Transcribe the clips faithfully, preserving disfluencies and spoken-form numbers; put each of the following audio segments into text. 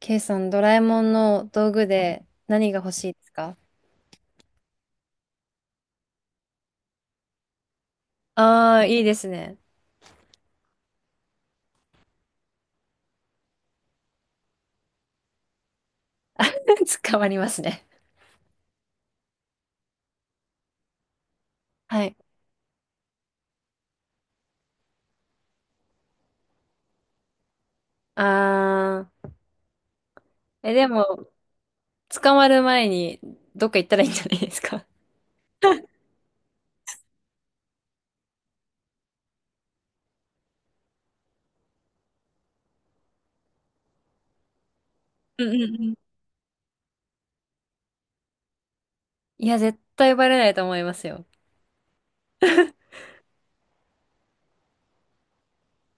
K さん、ドラえもんの道具で何が欲しいですか？ああー、いいですね。あ、 捕まりますね。はい。ああ、え、でも、捕まる前にどっか行ったらいいんじゃないですか。うんうんうん。いや、絶対バレないと思いますよ。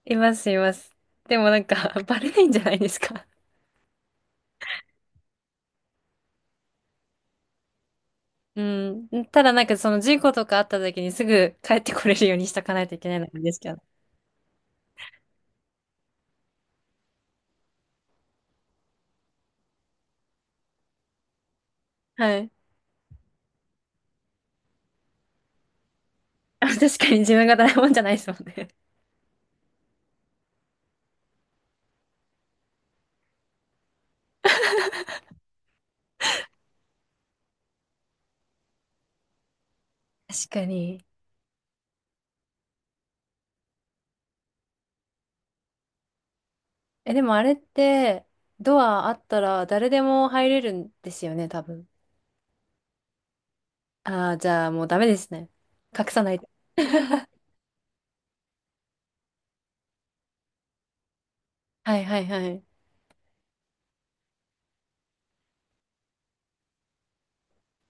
います、います。でもなんか、バレないんじゃないですか。うん。ただなんか、その事故とかあった時にすぐ帰ってこれるようにしとかないといけないのがいいんですけど。はい。あ、確かに自分がドラえもんじゃないですもんね。確かに。え、でもあれって、ドアあったら誰でも入れるんですよね、多分。ああ、じゃあもうダメですね。隠さないと。はいはいはい。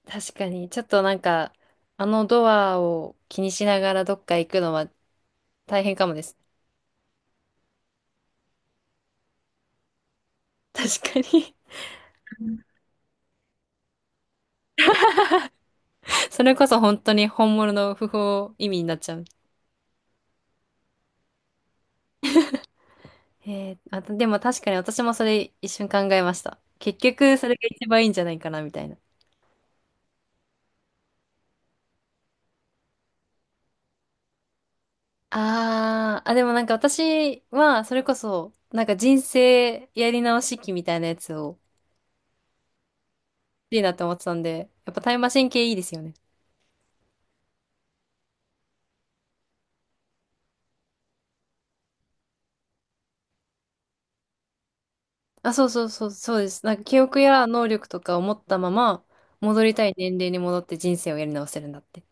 確かに、ちょっとなんか、あのドアを気にしながらどっか行くのは大変かもです。確かに。うん。 それこそ本当に本物の不法移民になっちゃう。えー、あと、でも確かに私もそれ一瞬考えました。結局それが一番いいんじゃないかな、みたいな。あー、あ、でもなんか私は、それこそ、なんか人生やり直し期みたいなやつを、いいなって思ってたんで、やっぱタイムマシン系いいですよね。あ、そうそうそう、そうです。なんか記憶や能力とかを持ったまま、戻りたい年齢に戻って人生をやり直せるんだって。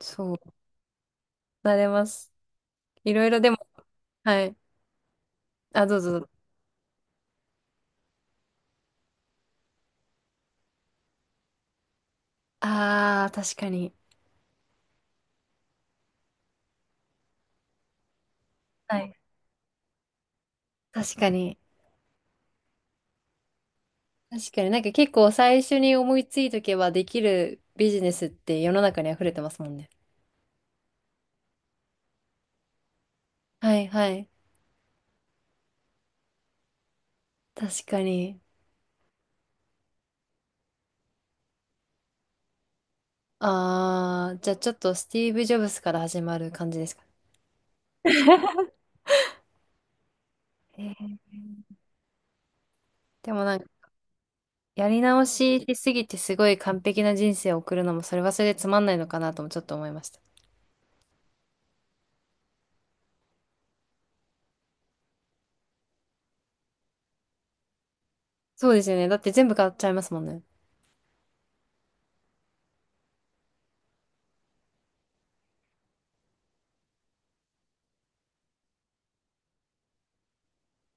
そう、なれます。いろいろでも、はい。あ、どうぞどうぞ。ああ、確かに。はい。確かに。確かになんか結構最初に思いついとけばできるビジネスって世の中に溢れてますもんね。はいはい。確かに。ああ、じゃあちょっとスティーブ・ジョブズから始まる感じですかね。えーでもなんか、やり直ししすぎてすごい完璧な人生を送るのも、それはそれでつまんないのかなともちょっと思いました。そうですよね。だって全部買っちゃいますもんね。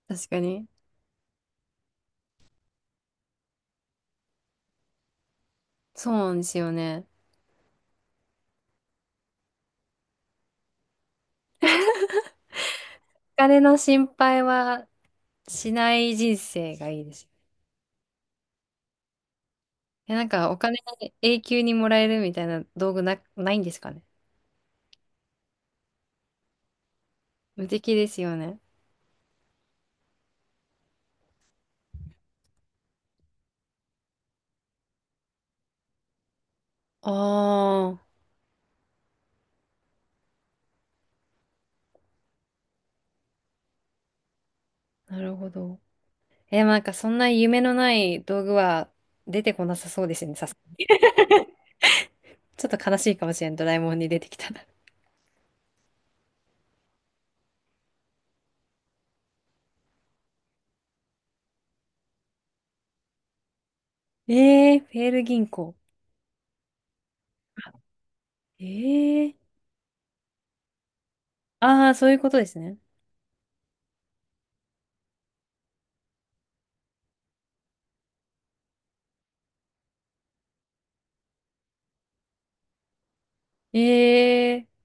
確かに。そうなんですよね。お金の心配はしない人生がいいです。え、なんかお金永久にもらえるみたいな道具な、ないんですかね。無敵ですよね。ああ、なるほど。え、なんかそんな夢のない道具は出てこなさそうですね。さす、ちょっと悲しいかもしれん、ドラえもんに出てきたら。えー、フェール銀行。えー、ああ、そういうことですね。えー、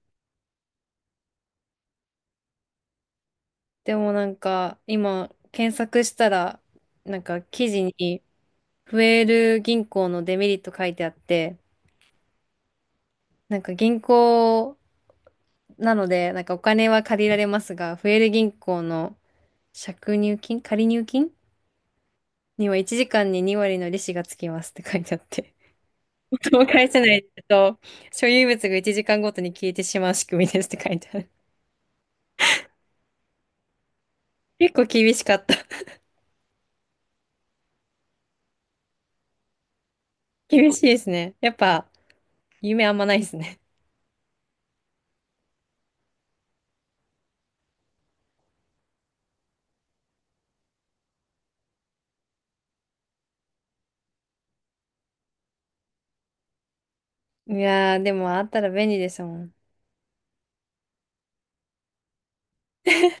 でもなんか今検索したら、なんか記事にフェール銀行のデメリット書いてあって、なんか銀行なので、なんかお金は借りられますが、フェール銀行の借入金、借入金にはいちじかんにに割の利子がつきますって書いてあって。そう返せないと、所有物がいちじかんごとに消えてしまう仕組みですって書いてある。結構厳しかった。厳しいですね。やっぱ、夢あんまないですね。いやー、でもあったら便利ですもん。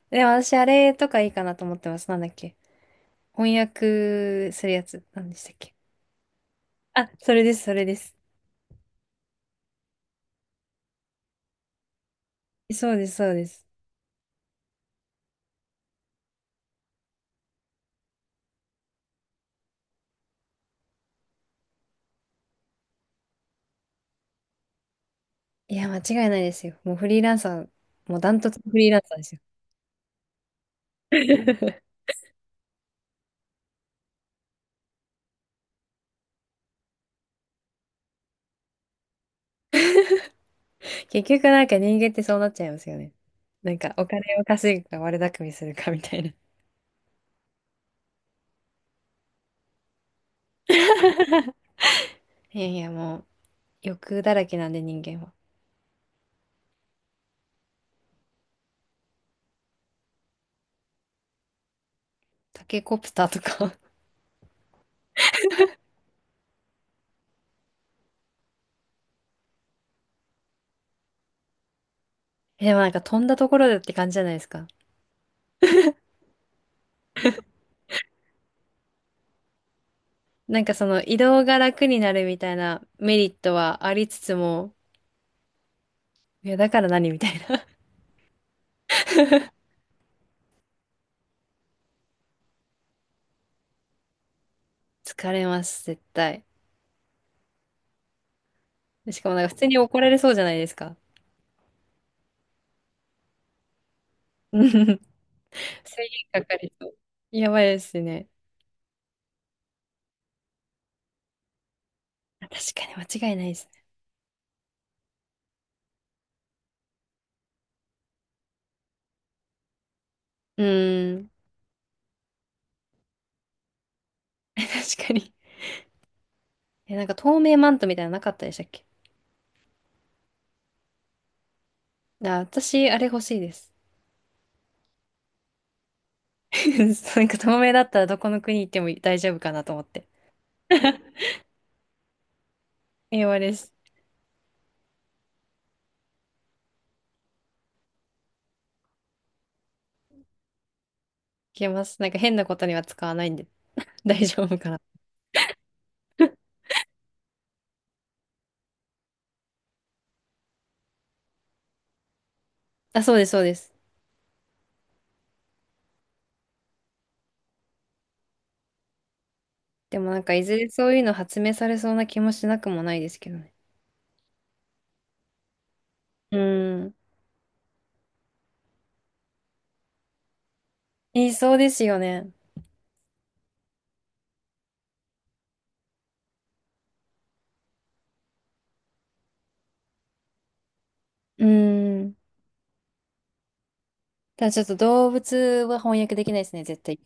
でも私、あれとかいいかなと思ってます。なんだっけ。翻訳するやつ。なんでしたっけ。あ、それです、それです。そうです、そうです。いや、間違いないですよ。もうフリーランサー、もうダントツフリーランサーですよ。結局なんか人間ってそうなっちゃいますよね。なんかお金を稼ぐか悪巧みするかみたいな。いやいや、もう欲だらけなんで人間は。タケコプターとか。 え、でもなんか飛んだところでって感じじゃないですか。なんかその移動が楽になるみたいなメリットはありつつも、いやだから何みたいな。疲れます、絶対。しかもなんか普通に怒られそうじゃないですか。うん。制限かかりそう。やばいですね。確かに間違いないですね。うーん。確かに。え、なんか透明マントみたいなのなかったでしたっけ？あ、私、あれ欲しいです。なんか透明だったらどこの国行っても大丈夫かなと思って。英語です。いけます。なんか変なことには使わないんで、 大丈夫かな。あ、そうです、そうです。でもなんかいずれそういうの発明されそうな気もしなくもないですけどね。うーん。言いそうですよね。うーん。ただちょっと動物は翻訳できないですね、絶対。